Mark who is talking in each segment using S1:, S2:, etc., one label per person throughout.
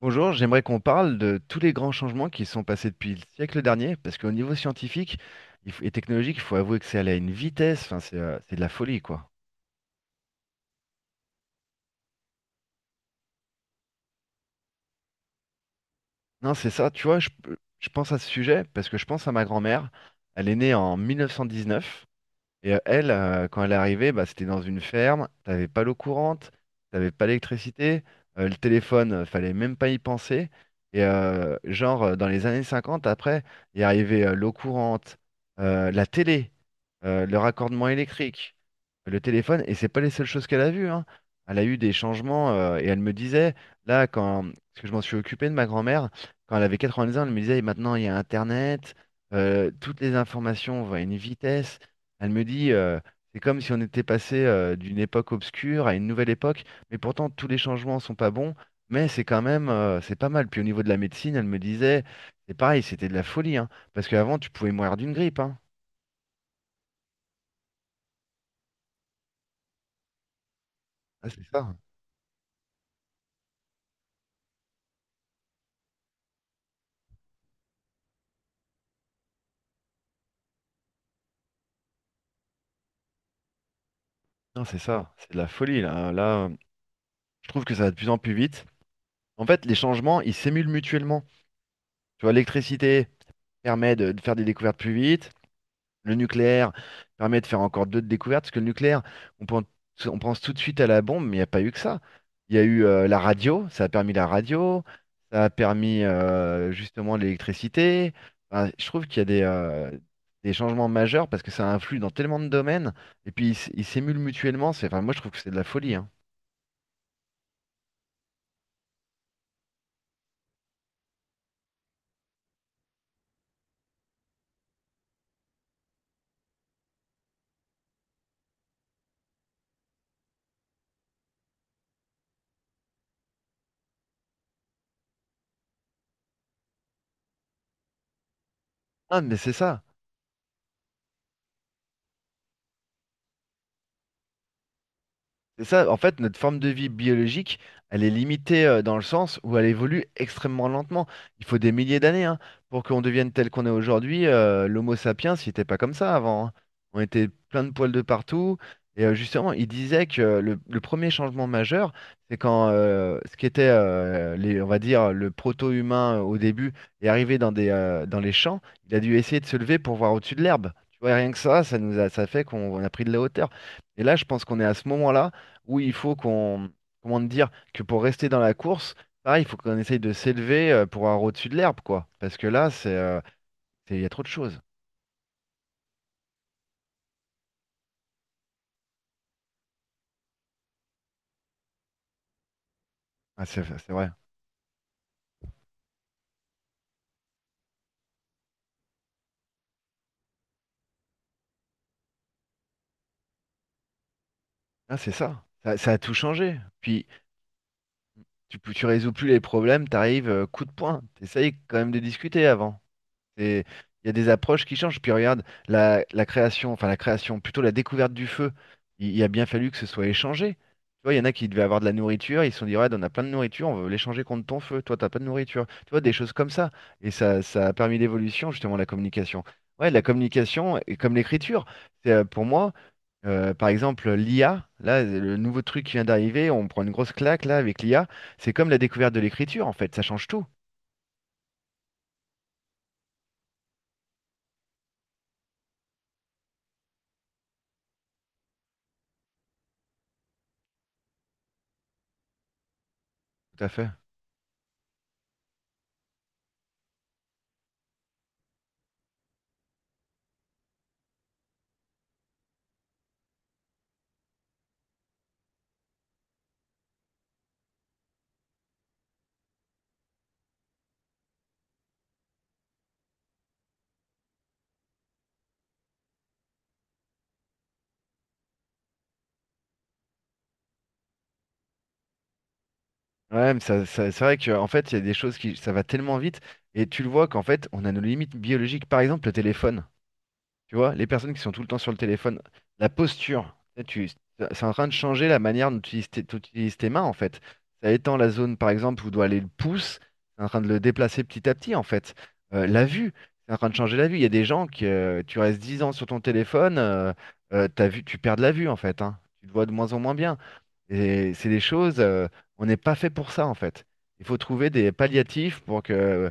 S1: Bonjour, j'aimerais qu'on parle de tous les grands changements qui sont passés depuis le siècle dernier, parce qu'au niveau scientifique et technologique, il faut avouer que c'est allé à une vitesse, enfin, c'est de la folie, quoi. Non, c'est ça, tu vois, je pense à ce sujet parce que je pense à ma grand-mère. Elle est née en 1919. Et quand elle est arrivée, bah, c'était dans une ferme, t'avais pas l'eau courante, t'avais pas l'électricité, le téléphone, fallait même pas y penser. Et genre, dans les années 50, après, il est arrivé l'eau courante, la télé, le raccordement électrique. Le téléphone, et c'est pas les seules choses qu'elle a vues, hein. Elle a eu des changements et elle me disait, là, quand, parce que je m'en suis occupé de ma grand-mère, quand elle avait 90 ans, elle me disait, maintenant il y a Internet, toutes les informations vont à une vitesse. Elle me dit, c'est comme si on était passé d'une époque obscure à une nouvelle époque, mais pourtant tous les changements sont pas bons, mais c'est quand même, c'est pas mal. Puis au niveau de la médecine, elle me disait, c'est pareil, c'était de la folie, hein, parce qu'avant tu pouvais mourir d'une grippe, hein. Ah, c'est ça. Non, c'est ça, c'est de la folie là, hein. Là, je trouve que ça va de plus en plus vite. En fait, les changements, ils s'émulent mutuellement. Tu vois, l'électricité permet de faire des découvertes plus vite. Le nucléaire permet de faire encore d'autres découvertes. Parce que le nucléaire, on pense, on pense tout de suite à la bombe, mais il n'y a pas eu que ça. Il y a eu la radio, ça a permis la radio, ça a permis justement l'électricité. Enfin, je trouve qu'il y a des changements majeurs parce que ça influe dans tellement de domaines. Et puis, ils s'émulent mutuellement. C'est, enfin, moi, je trouve que c'est de la folie, hein. Ah, mais c'est ça. C'est ça, en fait, notre forme de vie biologique, elle est limitée dans le sens où elle évolue extrêmement lentement. Il faut des milliers d'années hein, pour qu'on devienne tel qu'on est aujourd'hui. L'Homo sapiens, il n'était pas comme ça avant, hein. On était plein de poils de partout. Et justement, il disait que le premier changement majeur, c'est quand ce qui était, les, on va dire, le proto-humain au début est arrivé dans les champs, il a dû essayer de se lever pour voir au-dessus de l'herbe. Tu vois, rien que ça, ça fait qu'on on a pris de la hauteur. Et là, je pense qu'on est à ce moment-là où il faut qu'on, comment te dire, que pour rester dans la course, pareil, il faut qu'on essaye de s'élever pour avoir au-dessus de l'herbe, quoi. Parce que là, il y a trop de choses. Ah, c'est vrai. Ah, c'est ça. Ça a tout changé. Puis tu résous plus les problèmes, t'arrives, coup de poing. T'essayes quand même de discuter avant. C'est- Il y a des approches qui changent. Puis regarde, la création, enfin la création, plutôt la découverte du feu, il a bien fallu que ce soit échangé. Tu vois, il y en a qui devaient avoir de la nourriture, ils se sont dit, ouais, on a plein de nourriture, on veut l'échanger contre ton feu, toi, t'as pas de nourriture. Tu vois, des choses comme ça. Et ça, ça a permis l'évolution, justement, de la communication. Ouais, la communication, et comme l'écriture, c'est pour moi, par exemple, l'IA, là, le nouveau truc qui vient d'arriver, on prend une grosse claque, là, avec l'IA, c'est comme la découverte de l'écriture, en fait, ça change tout. Tout à fait. Ouais, mais c'est vrai que en fait, il y a des choses qui, ça va tellement vite, et tu le vois qu'en fait, on a nos limites biologiques. Par exemple, le téléphone, tu vois, les personnes qui sont tout le temps sur le téléphone, la posture, tu tu- c'est en train de changer la manière dont tu utilises tes, dont tu utilises tes mains, en fait. Ça étend la zone, par exemple, où doit aller le pouce, c'est en train de le déplacer petit à petit, en fait. La vue, c'est en train de changer la vue. Il y a des gens qui, tu restes 10 ans sur ton téléphone, ta vue, tu perds de la vue, en fait, hein. Tu te vois de moins en moins bien. Et c'est des choses, on n'est pas fait pour ça en fait. Il faut trouver des palliatifs pour que,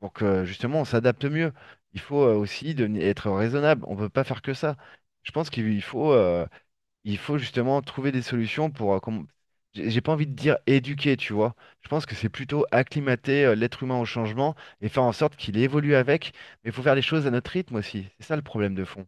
S1: justement on s'adapte mieux. Il faut aussi être raisonnable. On ne peut pas faire que ça. Je pense qu'il faut justement trouver des solutions. J'ai pas envie de dire éduquer, tu vois. Je pense que c'est plutôt acclimater l'être humain au changement et faire en sorte qu'il évolue avec. Mais il faut faire les choses à notre rythme aussi. C'est ça le problème de fond.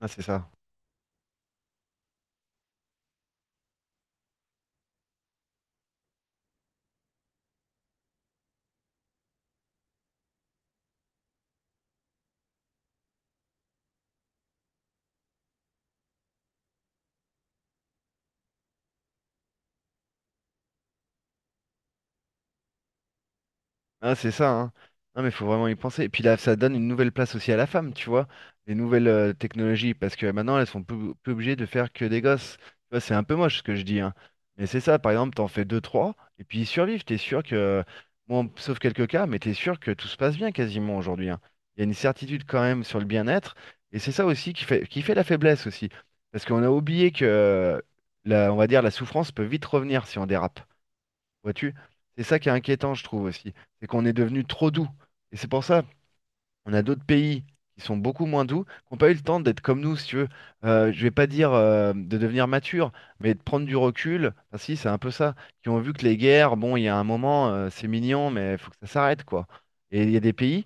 S1: Ah, c'est ça. Ah, c'est ça, hein. Non, mais faut vraiment y penser. Et puis là, ça donne une nouvelle place aussi à la femme, tu vois, les nouvelles technologies, parce que maintenant, elles sont plus obligées de faire que des gosses. Tu vois, c'est un peu moche ce que je dis, hein. Mais c'est ça, par exemple, t'en fais deux, trois, et puis ils survivent. T'es sûr que, bon, sauf quelques cas, mais t'es sûr que tout se passe bien quasiment aujourd'hui, hein. Il y a une certitude quand même sur le bien-être, et c'est ça aussi qui fait la faiblesse aussi, parce qu'on a oublié que, la, on va dire, la souffrance peut vite revenir si on dérape. Vois-tu? C'est ça qui est inquiétant, je trouve aussi. C'est qu'on est devenu trop doux. Et c'est pour ça, on a d'autres pays qui sont beaucoup moins doux, qui n'ont pas eu le temps d'être comme nous, si tu veux. Je vais pas dire de devenir mature, mais de prendre du recul. Enfin, si, c'est un peu ça. Qui ont vu que les guerres, bon, il y a un moment, c'est mignon, mais il faut que ça s'arrête, quoi. Et il y a des pays,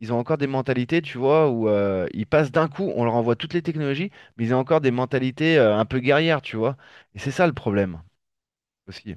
S1: ils ont encore des mentalités, tu vois, où ils passent d'un coup, on leur envoie toutes les technologies, mais ils ont encore des mentalités un peu guerrières, tu vois. Et c'est ça le problème aussi.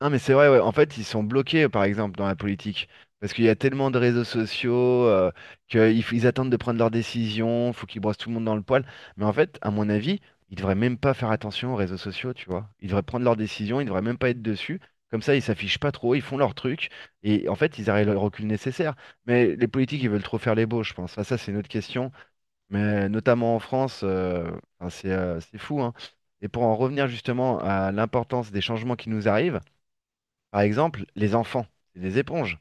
S1: Non, mais c'est vrai, ouais. En fait, ils sont bloqués, par exemple, dans la politique. Parce qu'il y a tellement de réseaux sociaux euh, qu'ils f- ils attendent de prendre leurs décisions, faut qu'ils brossent tout le monde dans le poil. Mais en fait, à mon avis, ils devraient même pas faire attention aux réseaux sociaux, tu vois. Ils devraient prendre leurs décisions, ils devraient même pas être dessus. Comme ça, ils s'affichent pas trop, ils font leur truc. Et en fait, ils arrivent au recul nécessaire. Mais les politiques, ils veulent trop faire les beaux, je pense. Ah, ça, c'est une autre question. Mais notamment en France, enfin, c'est fou, hein. Et pour en revenir justement à l'importance des changements qui nous arrivent, par exemple, les enfants, c'est des éponges.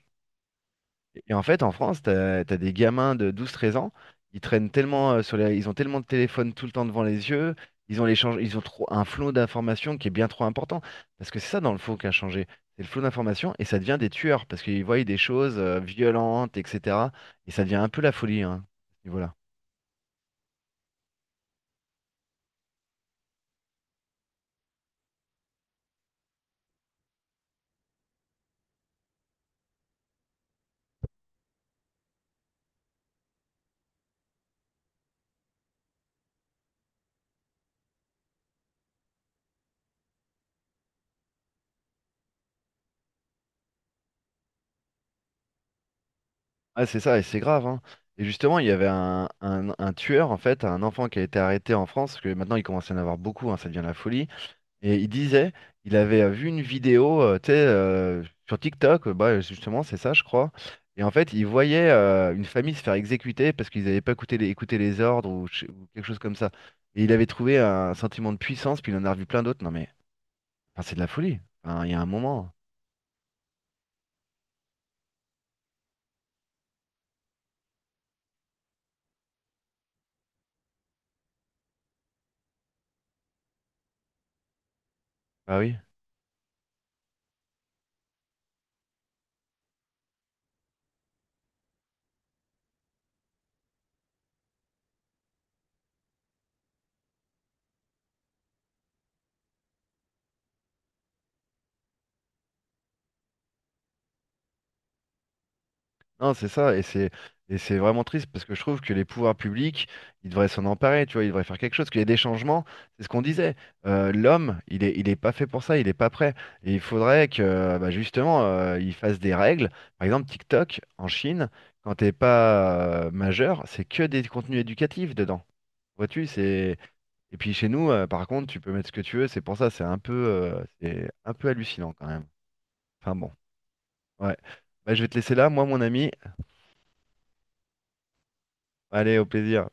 S1: Et en fait, en France, t'as des gamins de 12, 13 ans, ils traînent tellement ils ont tellement de téléphones tout le temps devant les yeux, ils ont l'échange, ils ont trop un flot d'informations qui est bien trop important. Parce que c'est ça dans le faux qui a changé. C'est le flot d'informations et ça devient des tueurs parce qu'ils voient des choses violentes, etc. Et ça devient un peu la folie, hein, à ce niveau-là. Ah, c'est ça, et c'est grave, hein. Et justement, il y avait un tueur, en fait, un enfant qui a été arrêté en France, parce que maintenant il commence à y en avoir beaucoup, hein, ça devient la folie. Et il disait, il avait vu une vidéo, tu sais, sur TikTok, bah, justement, c'est ça, je crois. Et en fait, il voyait une famille se faire exécuter parce qu'ils n'avaient pas écouté les ordres ou quelque chose comme ça. Et il avait trouvé un sentiment de puissance, puis il en a revu plein d'autres. Non mais, enfin, c'est de la folie. Enfin, il y a un moment. Ah oui. Non, c'est ça, et c'est vraiment triste parce que je trouve que les pouvoirs publics, ils devraient s'en emparer, tu vois, ils devraient faire quelque chose, qu'il y ait des changements, c'est ce qu'on disait. L'homme, il est pas fait pour ça, il est pas prêt. Et il faudrait que bah, justement, il fasse des règles. Par exemple, TikTok, en Chine, quand t'es pas majeur, c'est que des contenus éducatifs dedans. Vois-tu, c'est. Et puis chez nous, par contre, tu peux mettre ce que tu veux, c'est pour ça, c'est un peu hallucinant quand même. Enfin bon, ouais. Bah, je vais te laisser là, moi mon ami. Allez, au plaisir.